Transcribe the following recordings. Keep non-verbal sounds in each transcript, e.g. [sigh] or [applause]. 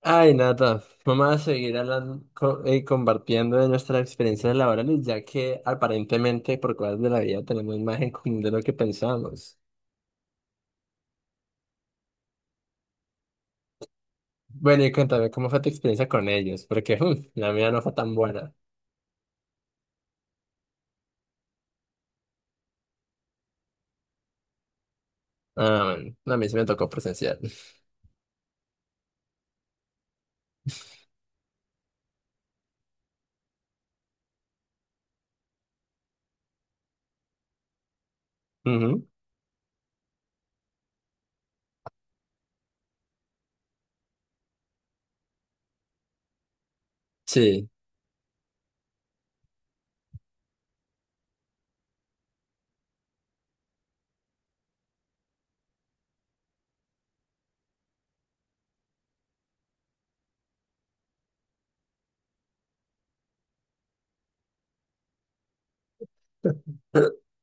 Ay, Nata, vamos a seguir hablando, compartiendo de nuestras experiencias laborales, ya que aparentemente por cosas de la vida tenemos más en común de lo que pensamos. Bueno, y cuéntame cómo fue tu experiencia con ellos, porque la mía no fue tan buena. Ah, bueno, a mí sí me tocó presencial. [laughs] Ujú. Sí. [clears throat]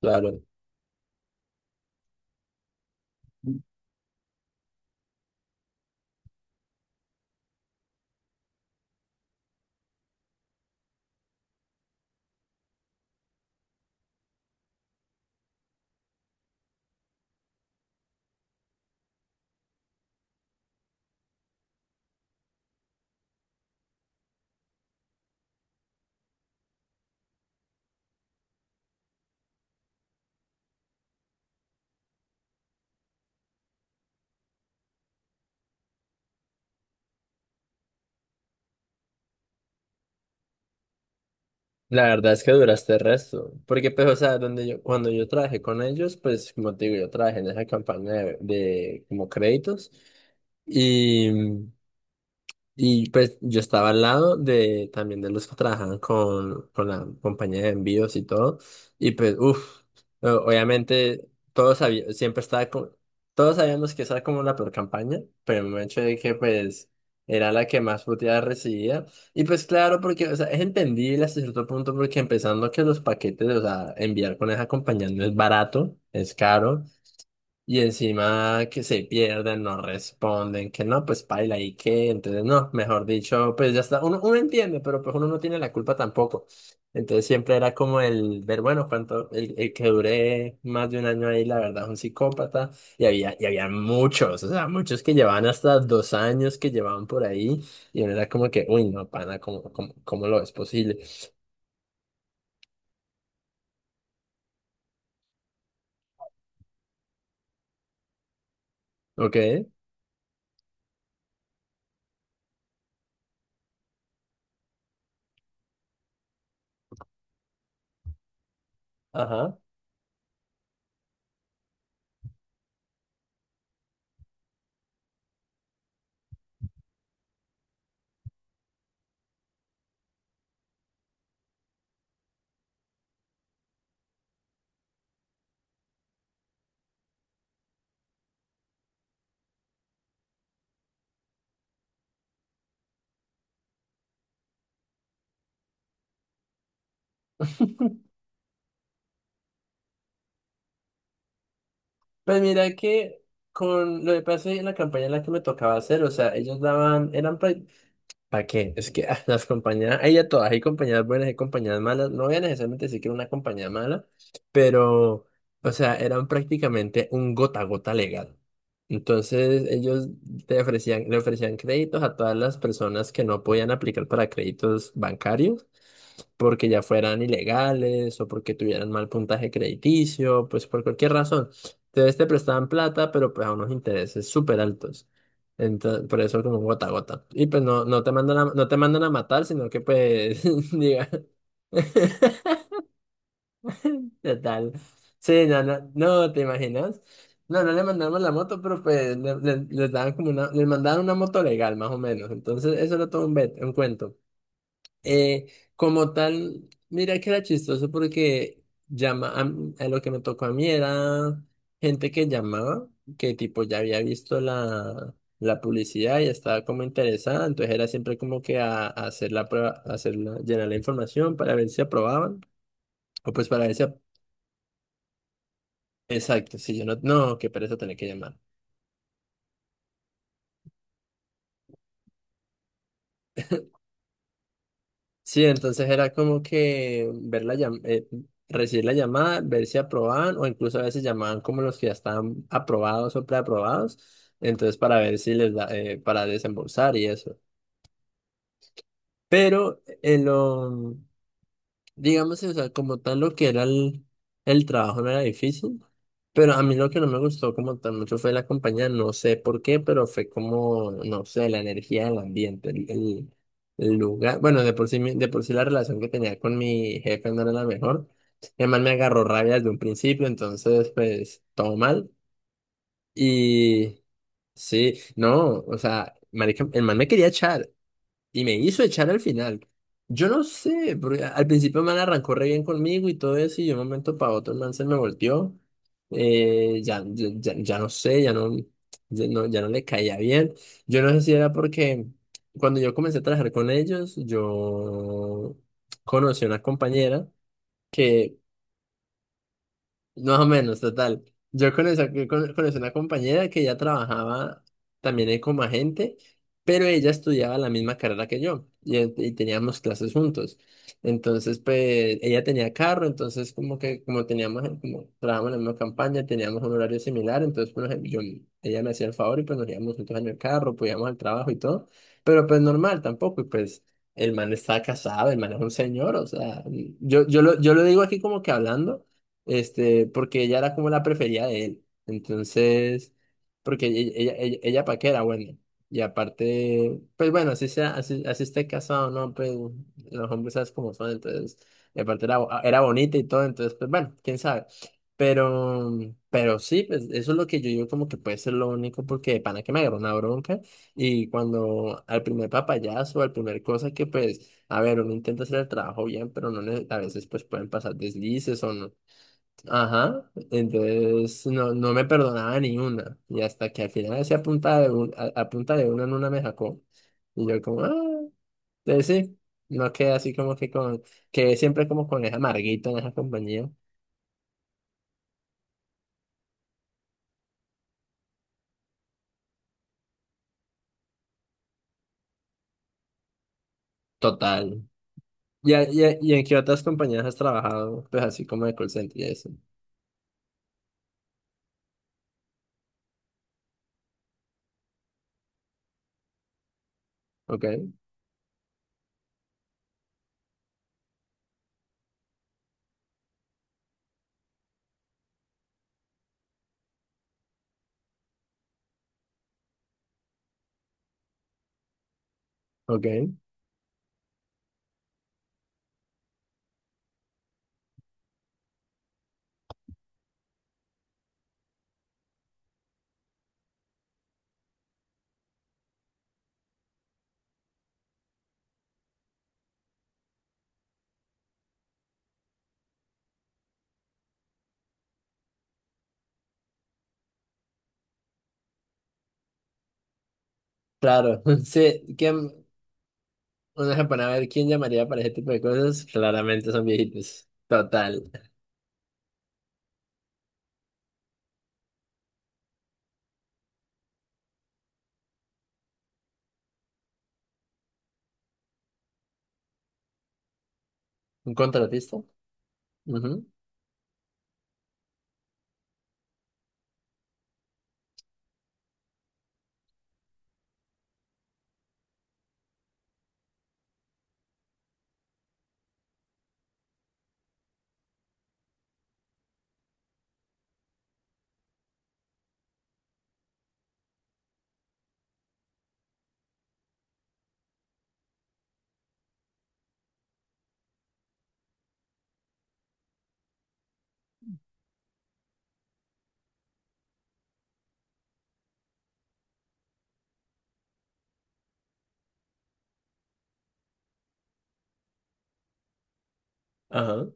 Claro. La verdad es que duraste el resto, porque pues, o sea, donde yo, cuando yo trabajé con ellos, pues, como te digo, yo trabajé en esa campaña de como créditos. y Y pues yo estaba al lado de también de los que trabajaban con la compañía de envíos y todo. Y pues, uff, obviamente todos sabíamos, siempre estaba como, todos sabíamos que esa era como la peor campaña, pero el hecho de que pues era la que más puteadas recibía. Y pues claro, porque, o sea, es entendible hasta cierto punto porque empezando que los paquetes, o sea, enviar con esa compañía no es barato, es caro. Y encima que se pierden, no responden, que no, pues paila y que, entonces no, mejor dicho, pues ya está, uno, uno entiende, pero pues uno no tiene la culpa tampoco. Entonces siempre era como el ver, bueno, cuánto, el que duré más de un año ahí, la verdad, es un psicópata, y había muchos, o sea, muchos que llevaban hasta dos años que llevaban por ahí, y uno era como que, uy, no, pana, ¿cómo lo es posible? ¿Ok? Ajá. Pues mira que con lo que pasé en la campaña en la que me tocaba hacer, o sea, ellos daban, ¿Para qué? Es que ah, las compañías, hay de todas, hay compañías buenas, hay compañías malas. No voy a necesariamente decir que era una compañía mala, pero, o sea, eran prácticamente un gota a gota legal. Entonces, ellos le ofrecían créditos a todas las personas que no podían aplicar para créditos bancarios, porque ya fueran ilegales o porque tuvieran mal puntaje crediticio, pues por cualquier razón. Entonces, te prestaban plata, pero pues a unos intereses súper altos. Entonces, por eso como gota a gota. Y pues no, no te mandan a, no te mandan a matar, sino que pues, [laughs] diga, [laughs] total. Sí, no, no, no, ¿te imaginas? No, no le mandamos la moto, pero pues les daban como una, les mandaban una moto legal, más o menos. Entonces, eso era todo un, un cuento. Eh, como tal, mira que era chistoso porque a lo que me tocó a mí era gente que llamaba, que tipo ya había visto la publicidad y estaba como interesada, entonces era siempre como que a hacer la prueba, a hacer llenar la información para ver si aprobaban o pues para ver si, exacto, si yo no, no, qué pereza tener que llamar. Sí, entonces era como que ver recibir la llamada, ver si aprobaban o incluso a veces llamaban como los que ya estaban aprobados o preaprobados, entonces para ver si les da, para desembolsar y eso. Pero en lo Digamos, sí, o sea, como tal lo que era el trabajo no era difícil, pero a mí lo que no me gustó como tal mucho fue la compañía, no sé por qué, pero fue como, no sé, la energía del ambiente, el lugar, bueno, de por sí, de por sí la relación que tenía con mi jefe no era la mejor, además me agarró rabia desde un principio, entonces pues todo mal, y sí, no, o sea, marica, el man me quería echar, y me hizo echar al final. Yo no sé, porque al principio el man arrancó re bien conmigo y todo eso, y de un momento para otro el man se me volteó. Ya no sé, ya no, ya no le caía bien. Yo no sé si era porque cuando yo comencé a trabajar con ellos, yo conocí a una compañera. Que más o menos, total. Yo conocí, conocí una compañera que ya trabajaba también ahí como agente, pero ella estudiaba la misma carrera que yo y teníamos clases juntos. Entonces, pues ella tenía carro, entonces como que como teníamos, como trabajamos en la misma campaña, teníamos un horario similar, entonces pues, yo, ella me hacía el favor y pues nos íbamos juntos en el carro, pues íbamos al trabajo y todo, pero pues normal tampoco, y pues... El man está casado, el man es un señor, o sea, yo lo digo aquí como que hablando, este, porque ella era como la preferida de él. Entonces, porque ella pa' qué era bueno. Y aparte, pues bueno, así sea, así esté casado, ¿no? Pues los hombres sabes cómo son, entonces, y aparte era, era bonita y todo, entonces, pues bueno, quién sabe. Pero, pero sí, pues eso es lo que yo digo como que puede ser lo único, porque de pana que me agarró una bronca y cuando al primer papayazo, al primer cosa que pues, a ver, uno intenta hacer el trabajo bien, pero no, a veces pues pueden pasar deslices o no. Ajá, entonces no, no me perdonaba ni una. Y hasta que al final hacía punta de, un- a punta de una en una me sacó. Y yo como, ah, entonces sí, no quedé así como que con, quedé siempre como con esa amarguita en esa compañía. Total. ¿Y, y en qué otras compañías has trabajado? Pues así como de call center y eso. Ok, ok. Claro, [laughs] sí, ¿quién, uno se pone a ver quién llamaría para ese tipo de cosas? Claramente son viejitos. Total. ¿Un contratista? Ujú. Ajá.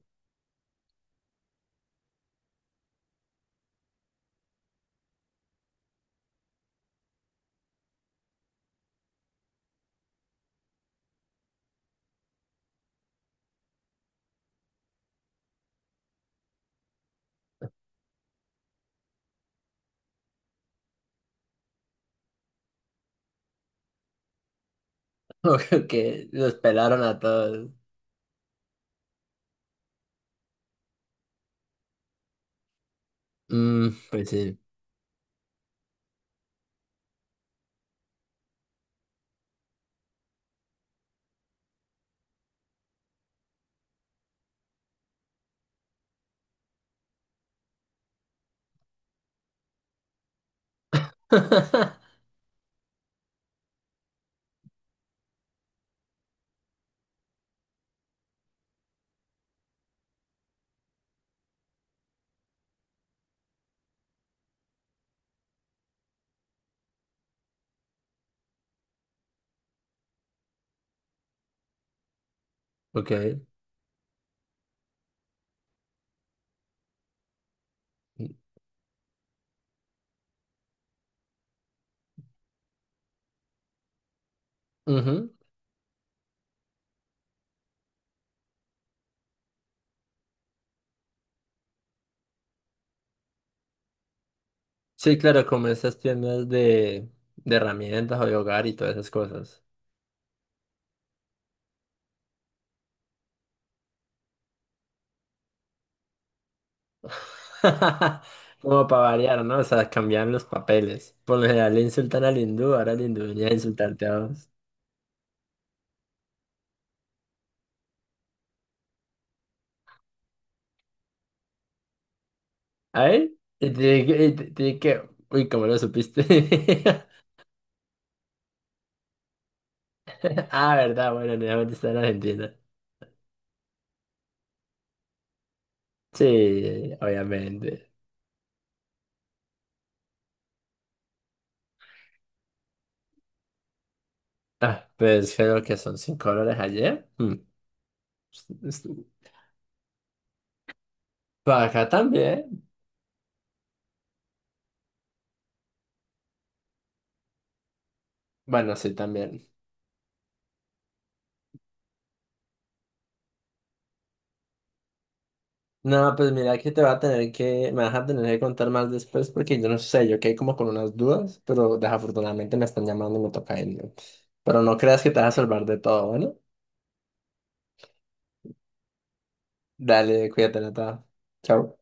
[laughs] Ok, que los pelaron a todos. Mm, pues sí. [laughs] Ok. Ujú. Sí, claro, como esas tiendas de herramientas o de hogar y todas esas cosas. [laughs] Como para variar, ¿no? O sea, cambian los papeles. Por lo general le insultan al hindú, ahora el hindú venía a insultarte a vos. ¿Ay? Te dije que... Uy, ¿cómo lo supiste? [laughs] Ah, verdad, bueno, obviamente está en Argentina. Sí, obviamente. Ah, pues creo que son $5 ayer. Mm. Es- es- Para acá también. Bueno, sí, también. No, pues mira que te va a tener que, me vas a tener que contar más después porque yo no sé, yo quedé como con unas dudas, pero desafortunadamente me están llamando y me toca irme. Pero no creas que te vas a salvar de todo, bueno. Dale, cuídate, Nata. Chao.